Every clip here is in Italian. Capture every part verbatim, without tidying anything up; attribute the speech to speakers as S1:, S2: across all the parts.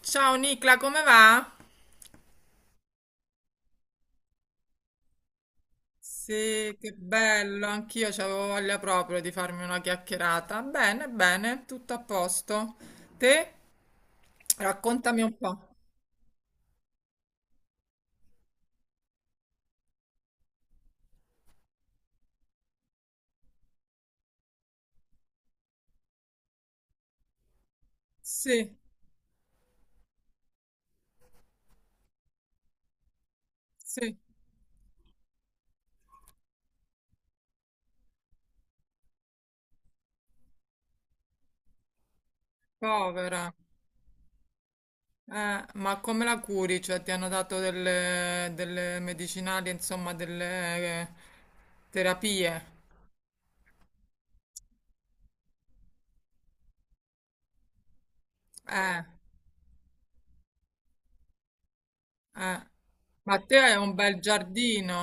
S1: Ciao Nicla, come va? Sì, che bello, anch'io c'avevo voglia proprio di farmi una chiacchierata. Bene, bene, tutto a posto. Te? Raccontami un po'. Sì, sì, povera. Eh, ma come la curi? Cioè, ti hanno dato delle, delle medicinali, insomma, delle eh, terapie? Eh, eh. Ma te hai un bel giardino?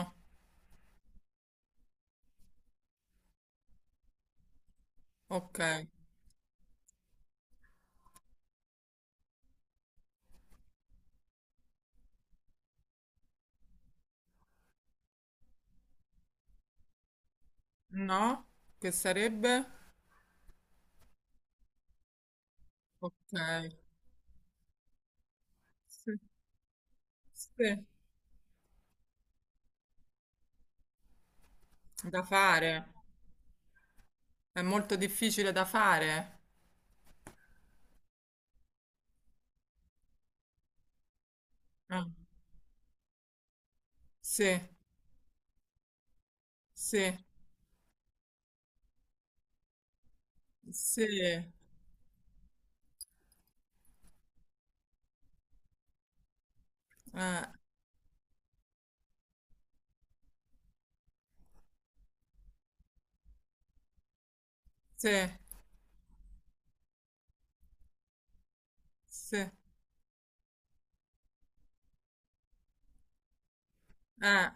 S1: Ok. No? Che sarebbe? Ok. Sì, sì, da fare, è molto difficile da fare. Eh, sì, sì, sì, eh, sì, sì. Eh,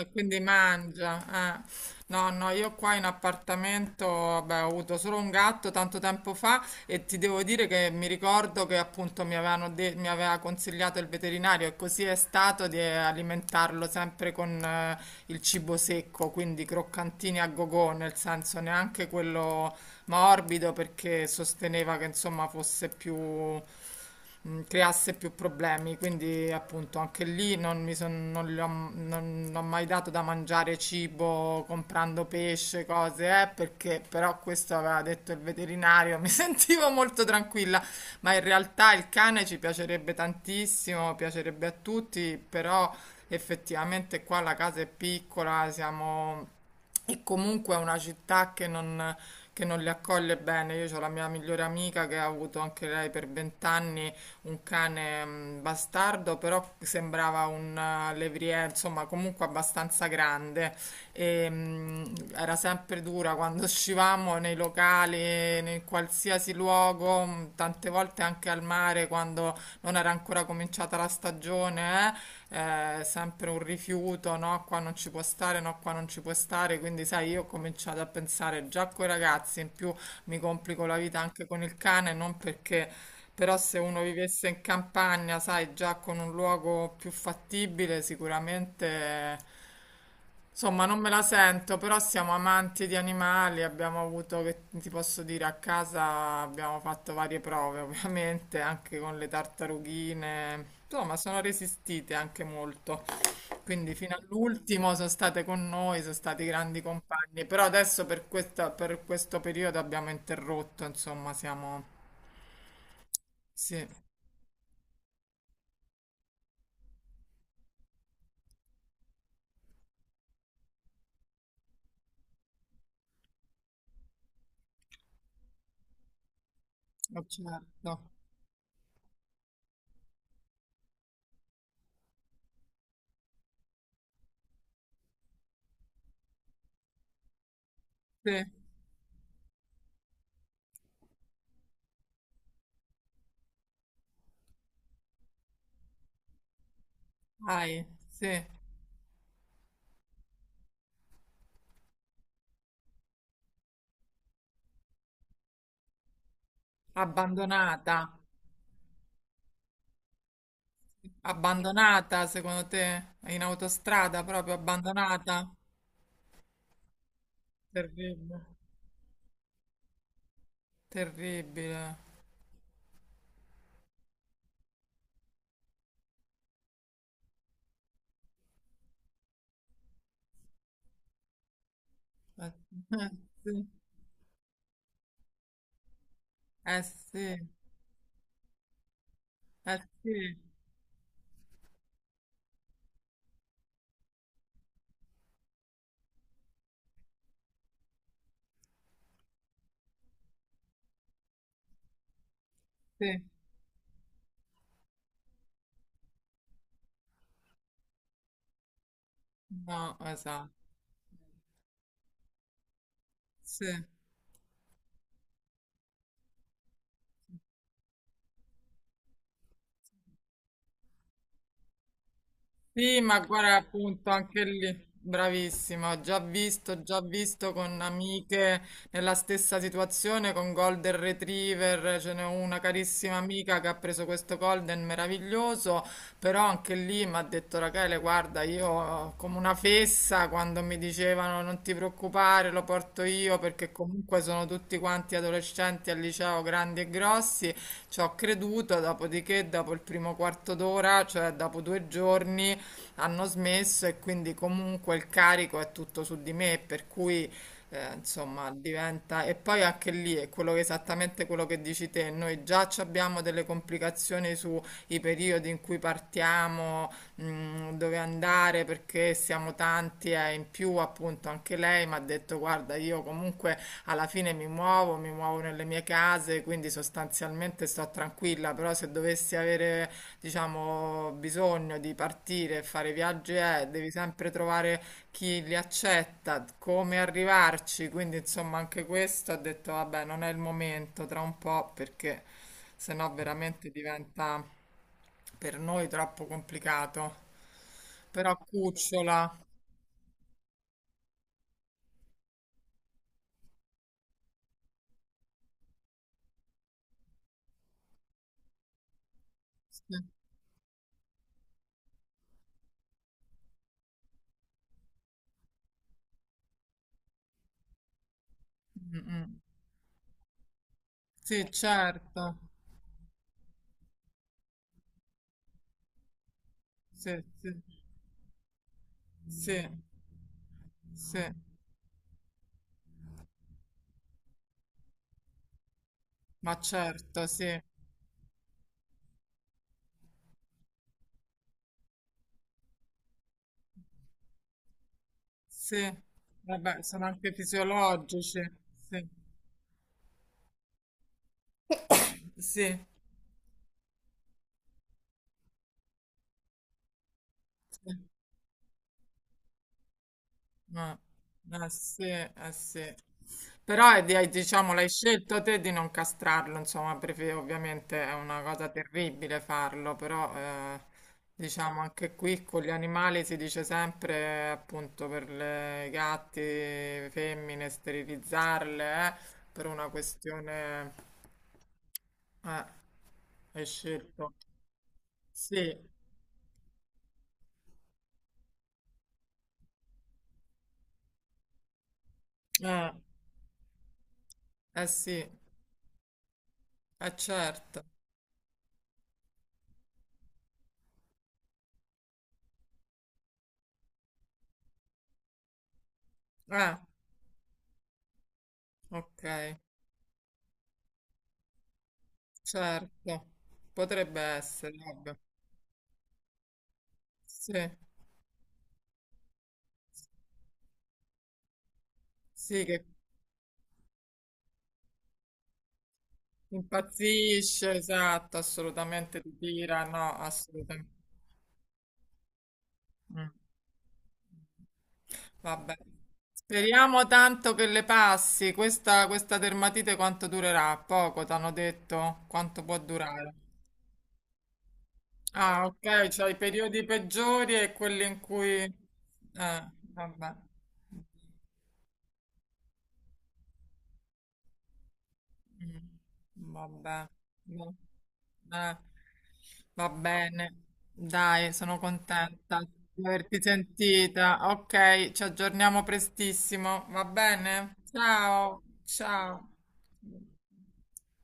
S1: eh, quindi mangia. Eh. No, no, io qua in appartamento, vabbè, ho avuto solo un gatto tanto tempo fa e ti devo dire che mi ricordo che appunto mi avevano de- mi aveva consigliato il veterinario e così è stato di alimentarlo sempre con eh, il cibo secco, quindi croccantini a gogò, nel senso neanche quello morbido perché sosteneva che insomma fosse più mh, creasse più problemi, quindi appunto anche lì non mi son- non gli ho, non- non ho mai dato da mangiare cibo comprando pesce, cose, eh, perché però questo aveva detto il veterinario, mi sentivo molto tranquilla, ma in realtà il cane ci piacerebbe tantissimo, piacerebbe a tutti, però effettivamente qua la casa è piccola, siamo... E comunque è una città che non, che non li accoglie bene. Io ho la mia migliore amica che ha avuto anche lei per vent'anni un cane mh, bastardo, però sembrava un eh, levrier, insomma, comunque abbastanza grande. E, mh, era sempre dura quando uscivamo nei locali, in qualsiasi luogo, mh, tante volte anche al mare quando non era ancora cominciata la stagione, eh eh, sempre un rifiuto, no, qua non ci può stare, no, qua non ci può stare, quindi sai, io ho cominciato a pensare già coi ragazzi, in più mi complico la vita anche con il cane, non perché però se uno vivesse in campagna, sai, già con un luogo più fattibile, sicuramente... Insomma, non me la sento, però siamo amanti di animali, abbiamo avuto, che ti posso dire, a casa abbiamo fatto varie prove, ovviamente, anche con le tartarughine. Insomma, sono resistite anche molto. Quindi fino all'ultimo sono state con noi, sono stati grandi compagni, però adesso per questa- per questo periodo abbiamo interrotto, insomma, siamo... Sì. Ma certo, sì, dai, sì, abbandonata, abbandonata secondo te, in autostrada proprio abbandonata, terribile, terribile, eh eh, sì, eh sì, eh sì, sì, no, esatto, sì. Sì, ma guarda, appunto, anche lì, bravissima, ho già visto, ho già visto con amiche nella stessa situazione con Golden Retriever, ce n'è una carissima amica che ha preso questo Golden meraviglioso, però anche lì mi ha detto Rachele, guarda, io come una fessa quando mi dicevano non ti preoccupare, lo porto io perché comunque sono tutti quanti adolescenti al liceo, grandi e grossi, ci ho creduto, dopodiché dopo il primo quarto d'ora, cioè dopo due giorni, hanno smesso e quindi comunque il carico è tutto su di me, per cui eh, insomma diventa... E poi anche lì è quello che- esattamente quello che dici te, noi già ci abbiamo delle complicazioni sui periodi in cui partiamo, mm, dove andare, perché siamo tanti e in più appunto anche lei mi ha detto guarda io comunque alla fine mi muovo, mi muovo nelle mie case, quindi sostanzialmente sto tranquilla, però se dovessi avere diciamo, bisogno di partire e fare viaggi è, devi sempre trovare chi li accetta, come arrivarci, quindi insomma anche questo ho detto, vabbè, non è il momento, tra un po', perché sennò veramente diventa per noi troppo complicato. Però cucciola. Sì, mm, mm. Sì, certo. Sì, sì, sì, sì, ma certo, sì. Sì, vabbè, sono anche fisiologici. Sì, sì, sì. Ma, eh sì, eh sì. Però eh, di- diciamo, l'hai scelto te di non castrarlo, insomma, perché ovviamente è una cosa terribile farlo, però eh, diciamo anche qui con gli animali si dice sempre eh, appunto per le gatti, femmine, sterilizzarle, eh, per una questione... Eh, hai scelto. Sì, eh, eh sì, eh certo. Ah, ok, certo. Potrebbe essere, vabbè. Sì, sì, che impazzisce, esatto, assolutamente ti tira, no, assolutamente. Mm. Vabbè. Speriamo tanto che le passi. Questa, questa dermatite quanto durerà? Poco, t'hanno detto? Quanto può durare? Ah, ok, c'hai i periodi peggiori e quelli in cui... Eh, vabbè. Mm, vabbè. No. Eh, va bene. Dai, sono contenta di averti sentita. Ok, ci aggiorniamo prestissimo, va bene? Ciao, ciao.